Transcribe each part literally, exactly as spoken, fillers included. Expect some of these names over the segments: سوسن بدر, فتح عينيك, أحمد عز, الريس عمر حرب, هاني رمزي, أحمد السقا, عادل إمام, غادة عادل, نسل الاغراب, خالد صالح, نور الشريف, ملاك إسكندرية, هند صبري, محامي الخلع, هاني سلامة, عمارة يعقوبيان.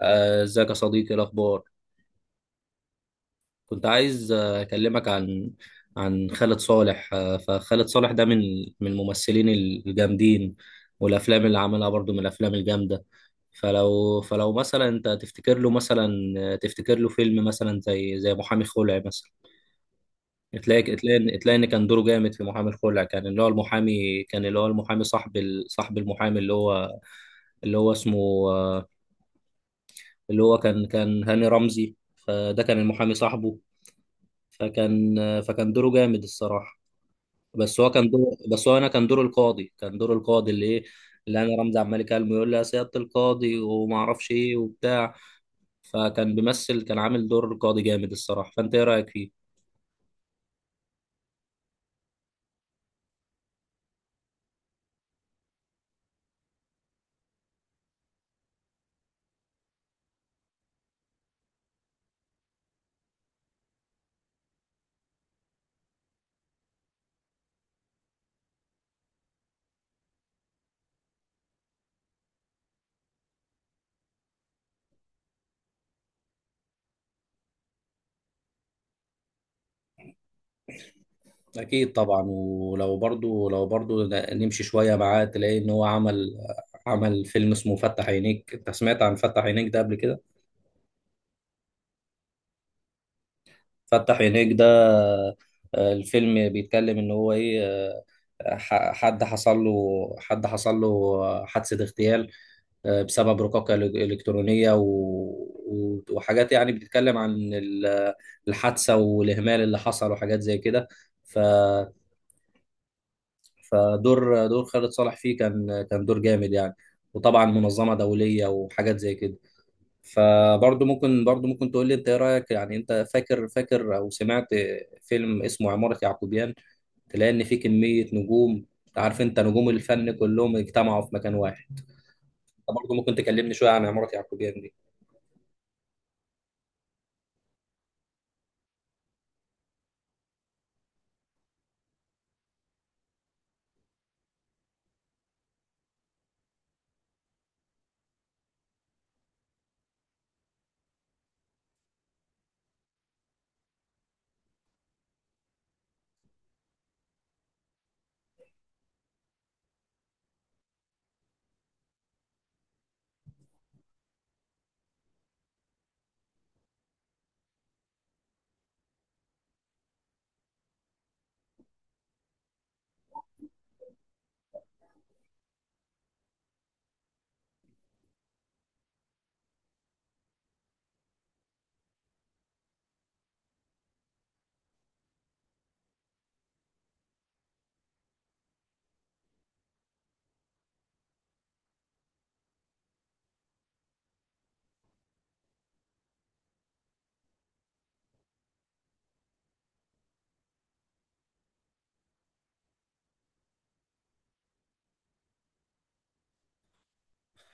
آه، ازيك يا صديقي؟ إيه الاخبار؟ كنت عايز آه، اكلمك عن عن خالد صالح، آه، فخالد صالح ده من من الممثلين الجامدين، والافلام اللي عملها برضو من الافلام الجامده. فلو فلو مثلا انت تفتكر له مثلا، آه، تفتكر له فيلم مثلا زي زي محامي خلع مثلا. تلاقي تلاقي تلاقي ان كان دوره جامد في محامي الخلع، كان اللي هو المحامي كان اللي هو المحامي صاحب ال- صاحب المحامي، اللي هو اللي هو اسمه آه، اللي هو كان كان هاني رمزي. فده كان المحامي صاحبه، فكان فكان دوره جامد الصراحه. بس هو كان دوره بس هو انا كان دور القاضي كان دور القاضي اللي ايه، اللي انا رمزي عمال يكلمه يقول لي يا سياده القاضي وما اعرفش ايه وبتاع. فكان بيمثل، كان عامل دور قاضي جامد الصراحه. فانت ايه رايك فيه؟ اكيد طبعا. ولو برضو لو برضو ن- نمشي شويه معاه، تلاقي ان هو عمل عمل فيلم اسمه فتح عينيك. انت سمعت عن فتح عينيك ده قبل كده؟ فتح عينيك ده، آه، الفيلم بيتكلم ان هو ايه، ح- حد حصل له حد حصل له حادثة اغتيال، آه، بسبب رقاقة إلك- إلكترونية و... و- وحاجات يعني بتتكلم عن ال- الحادثة والإهمال اللي حصل وحاجات زي كده. ف... فدور دور خالد صالح فيه كان كان دور جامد يعني، وطبعا منظمة دولية وحاجات زي كده. فبرضه ممكن برضه ممكن تقول لي انت ايه رأيك يعني، انت فاكر فاكر او سمعت فيلم اسمه عمارة يعقوبيان؟ تلاقي ان في كميه نجوم، عارف انت، نجوم الفن كلهم اجتمعوا في مكان واحد. انت برضه ممكن تكلمني شويه عن عماره يعقوبيان دي؟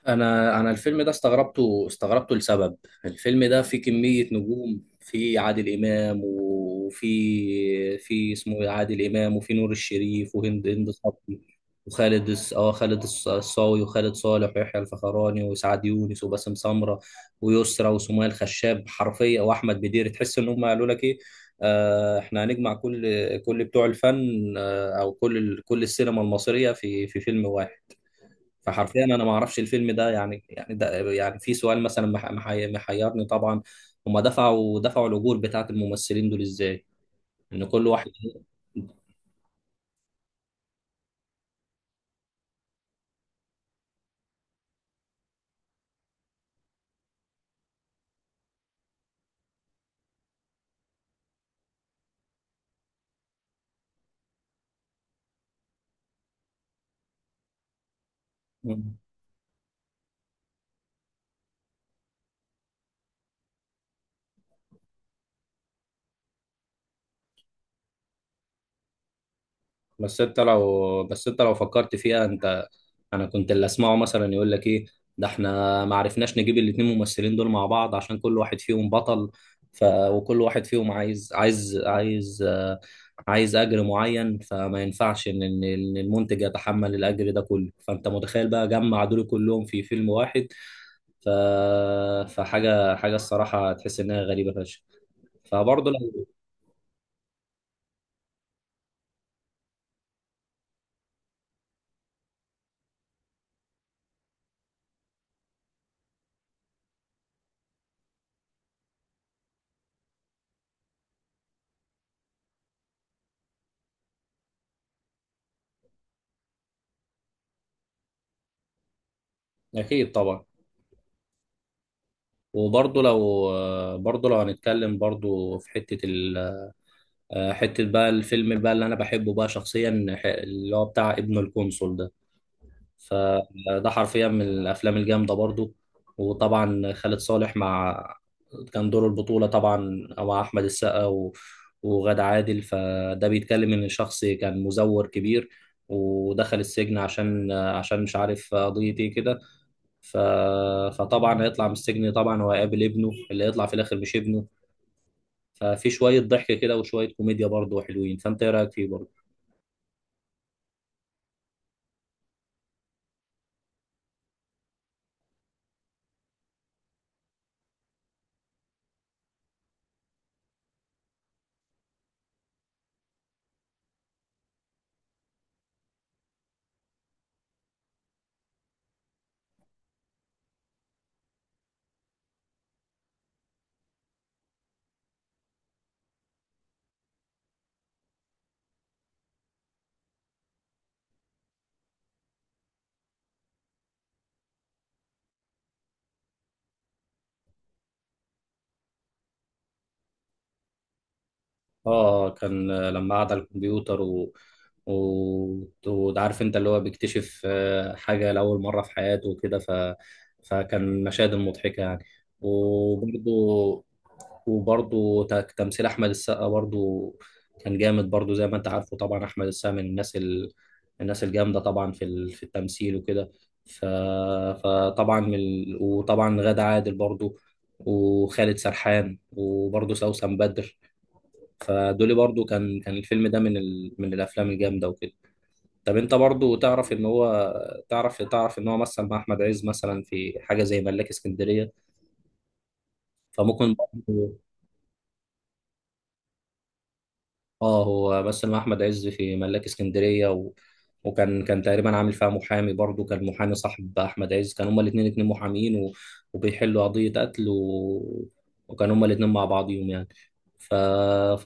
انا انا الفيلم ده استغربته استغربته لسبب. الفيلم ده فيه كمية نجوم، في عادل امام، وفي في اسمه إيه؟ عادل امام، وفي نور الشريف، وهند هند صبري، وخالد الص- اه خالد الص- الصاوي، وخالد صالح، ويحيى الفخراني، وسعد يونس، وباسم سمرة، ويسرى، وسمية الخشاب، حرفيا، واحمد بدير. تحس ان هم قالوا لك ايه؟ آه احنا هنجمع كل كل بتوع الفن، آه او كل ال- كل السينما المصرية في في فيلم واحد. فحرفيا انا ما اعرفش الفيلم ده يعني، يعني ده يعني في سؤال مثلا مح- محي- محيرني طبعا. هما دفعوا دفعوا الاجور بتاعت الممثلين دول ازاي؟ ان كل واحد. بس انت لو بس انت لو فكرت فيها انت، انا كنت اللي اسمعه مثلا يقول لك ايه: ده احنا ما عرفناش نجيب الاتنين ممثلين دول مع بعض عشان كل واحد فيهم بطل. ف... وكل واحد فيهم عايز عايز عايز آه، عايز اجر معين، فما ينفعش ان ان إن المنتج يتحمل الاجر ده كله. فانت متخيل بقى جمع دول كلهم في فيلم واحد؟ ف... فحاجه حاجه الصراحه تحس انها غريبه فشخ. فبرضه لو. اكيد طبعا. وبرضه لو برضه لو هنتكلم برضه في حتة ال حتة بقى الفيلم بقى اللي أنا بحبه بقى شخصيا، ح- اللي هو بتاع ابن القنصل ده، فده حرفيا من الأفلام الجامدة برضه. وطبعا خالد صالح، مع كان دور البطولة طبعا مع أحمد السقا و- وغادة عادل. فده بيتكلم إن شخص كان مزور كبير ودخل السجن عشان عشان مش عارف قضية إيه كده. ف... فطبعا هيطلع من السجن، طبعا هو هيقابل ابنه اللي هيطلع في الاخر مش ابنه. ففي شويه ضحك كده وشويه كوميديا برضه حلوين. فانت ايه رايك فيه برضه؟ اه، كان، آه، لما قعد على الكمبيوتر و... و... وعارف انت، اللي هو بيكتشف آه، حاجة لأول مرة في حياته وكده. ف... فكان مشاهد مضحكة يعني. وبرضه وبرضه ت- تمثيل أحمد السقا برضه كان جامد برضه زي ما أنت عارفه. طبعا أحمد السقا من الناس ال... الناس الجامدة طبعا في ال... في التمثيل وكده. ف... فطبعا من ال... وطبعا غادة عادل برضه، وخالد سرحان، وبرضه سوسن بدر. فدولي برضو كان كان الفيلم ده من ال... من الافلام الجامده وكده. طب انت برضو تعرف ان هو تعرف تعرف ان هو مثل مع احمد عز مثلا في حاجه زي ملاك اسكندريه؟ فممكن برضو. اه، هو مثل مع احمد عز في ملاك اسكندريه و... وكان كان تقريبا عامل فيها محامي برضو، كان محامي صاحب احمد عز، كان هما الاثنين اتنين محامين و... وبيحلوا قضيه قتل و... وكان هما الاثنين مع بعضيهم يعني. ف...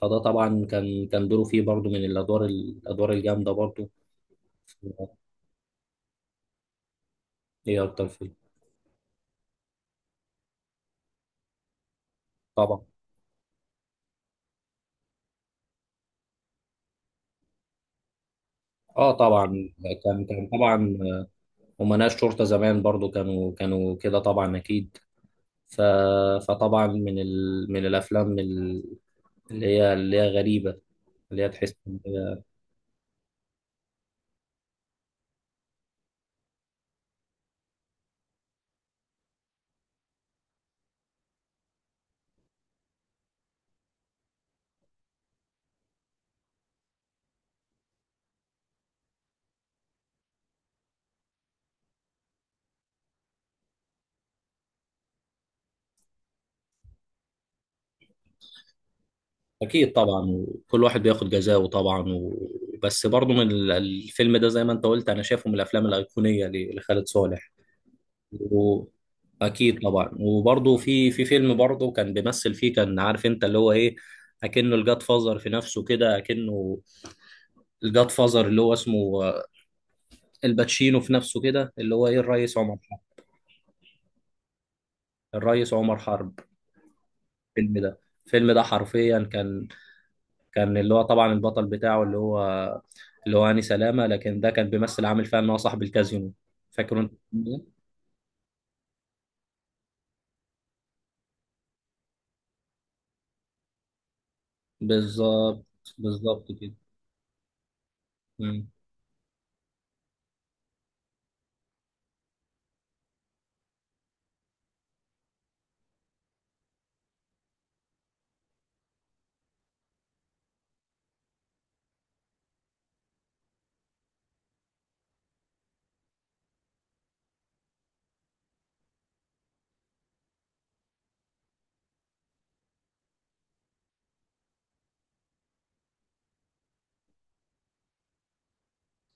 فده طبعا كان كان دوره فيه برضو من الادوار الادوار الجامده برضو. ايه اكتر فيلم؟ طبعا، اه طبعا. كان كان طبعا امناء شرطه زمان برضو كانوا كانوا كده طبعا اكيد. ف... فطبعا من ال... من الافلام ال- اللي هي اللي هي غريبه، اللي هي تحس إن هي- اكيد طبعا. وكل واحد بياخد جزاؤه طبعا و. بس برضو من ال- الفيلم ده زي ما انت قلت، انا شايفه من الافلام الايقونيه ل- لخالد صالح. واكيد طبعا. وبرضه في في فيلم برضه كان بيمثل فيه، كان عارف انت اللي هو ايه؟ اكنه الجاد فازر في نفسه كده، اكنه الجاد فازر اللي هو اسمه آه، الباتشينو في نفسه كده، اللي هو ايه؟ الريس عمر حرب. الريس عمر حرب. الفيلم ده الفيلم ده حرفيا كان كان اللي هو طبعا البطل بتاعه اللي هو اللي هو هاني سلامة، لكن ده كان بيمثل عامل فيها ان هو صاحب الكازينو. فاكر انت الفيلم ده؟ بالظبط. بالظبط كده.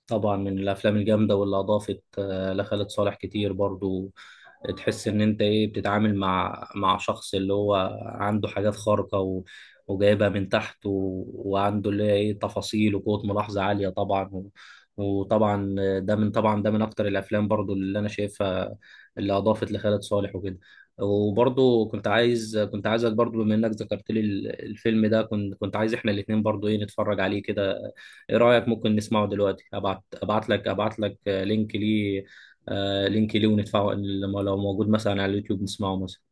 طبعا من الافلام الجامده واللي اضافت آه، لخالد صالح كتير برضو. تحس ان انت ايه بتتعامل مع مع شخص اللي هو عنده حاجات خارقة و... وجايبها من تحت و... وعنده اللي هي ايه تفاصيل وقوة ملاحظة عالية طبعا و... وطبعا ده من طبعا ده من اكتر الافلام برضو اللي انا شايفها اللي اضافت لخالد صالح وكده. وبرضو كنت عايز كنت عايزك برضو، بما انك ذكرت لي ال- الفيلم ده، كنت كنت عايز احنا الاتنين برضو ايه نتفرج عليه كده. ايه رأيك؟ ممكن نسمعه دلوقتي؟ ابعت ابعت لك ابعت لك لينك ليه. آه لينك ليه وندفعه، لما لو موجود مثلا على اليوتيوب نسمعه مثلا.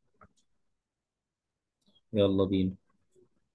يلا بينا.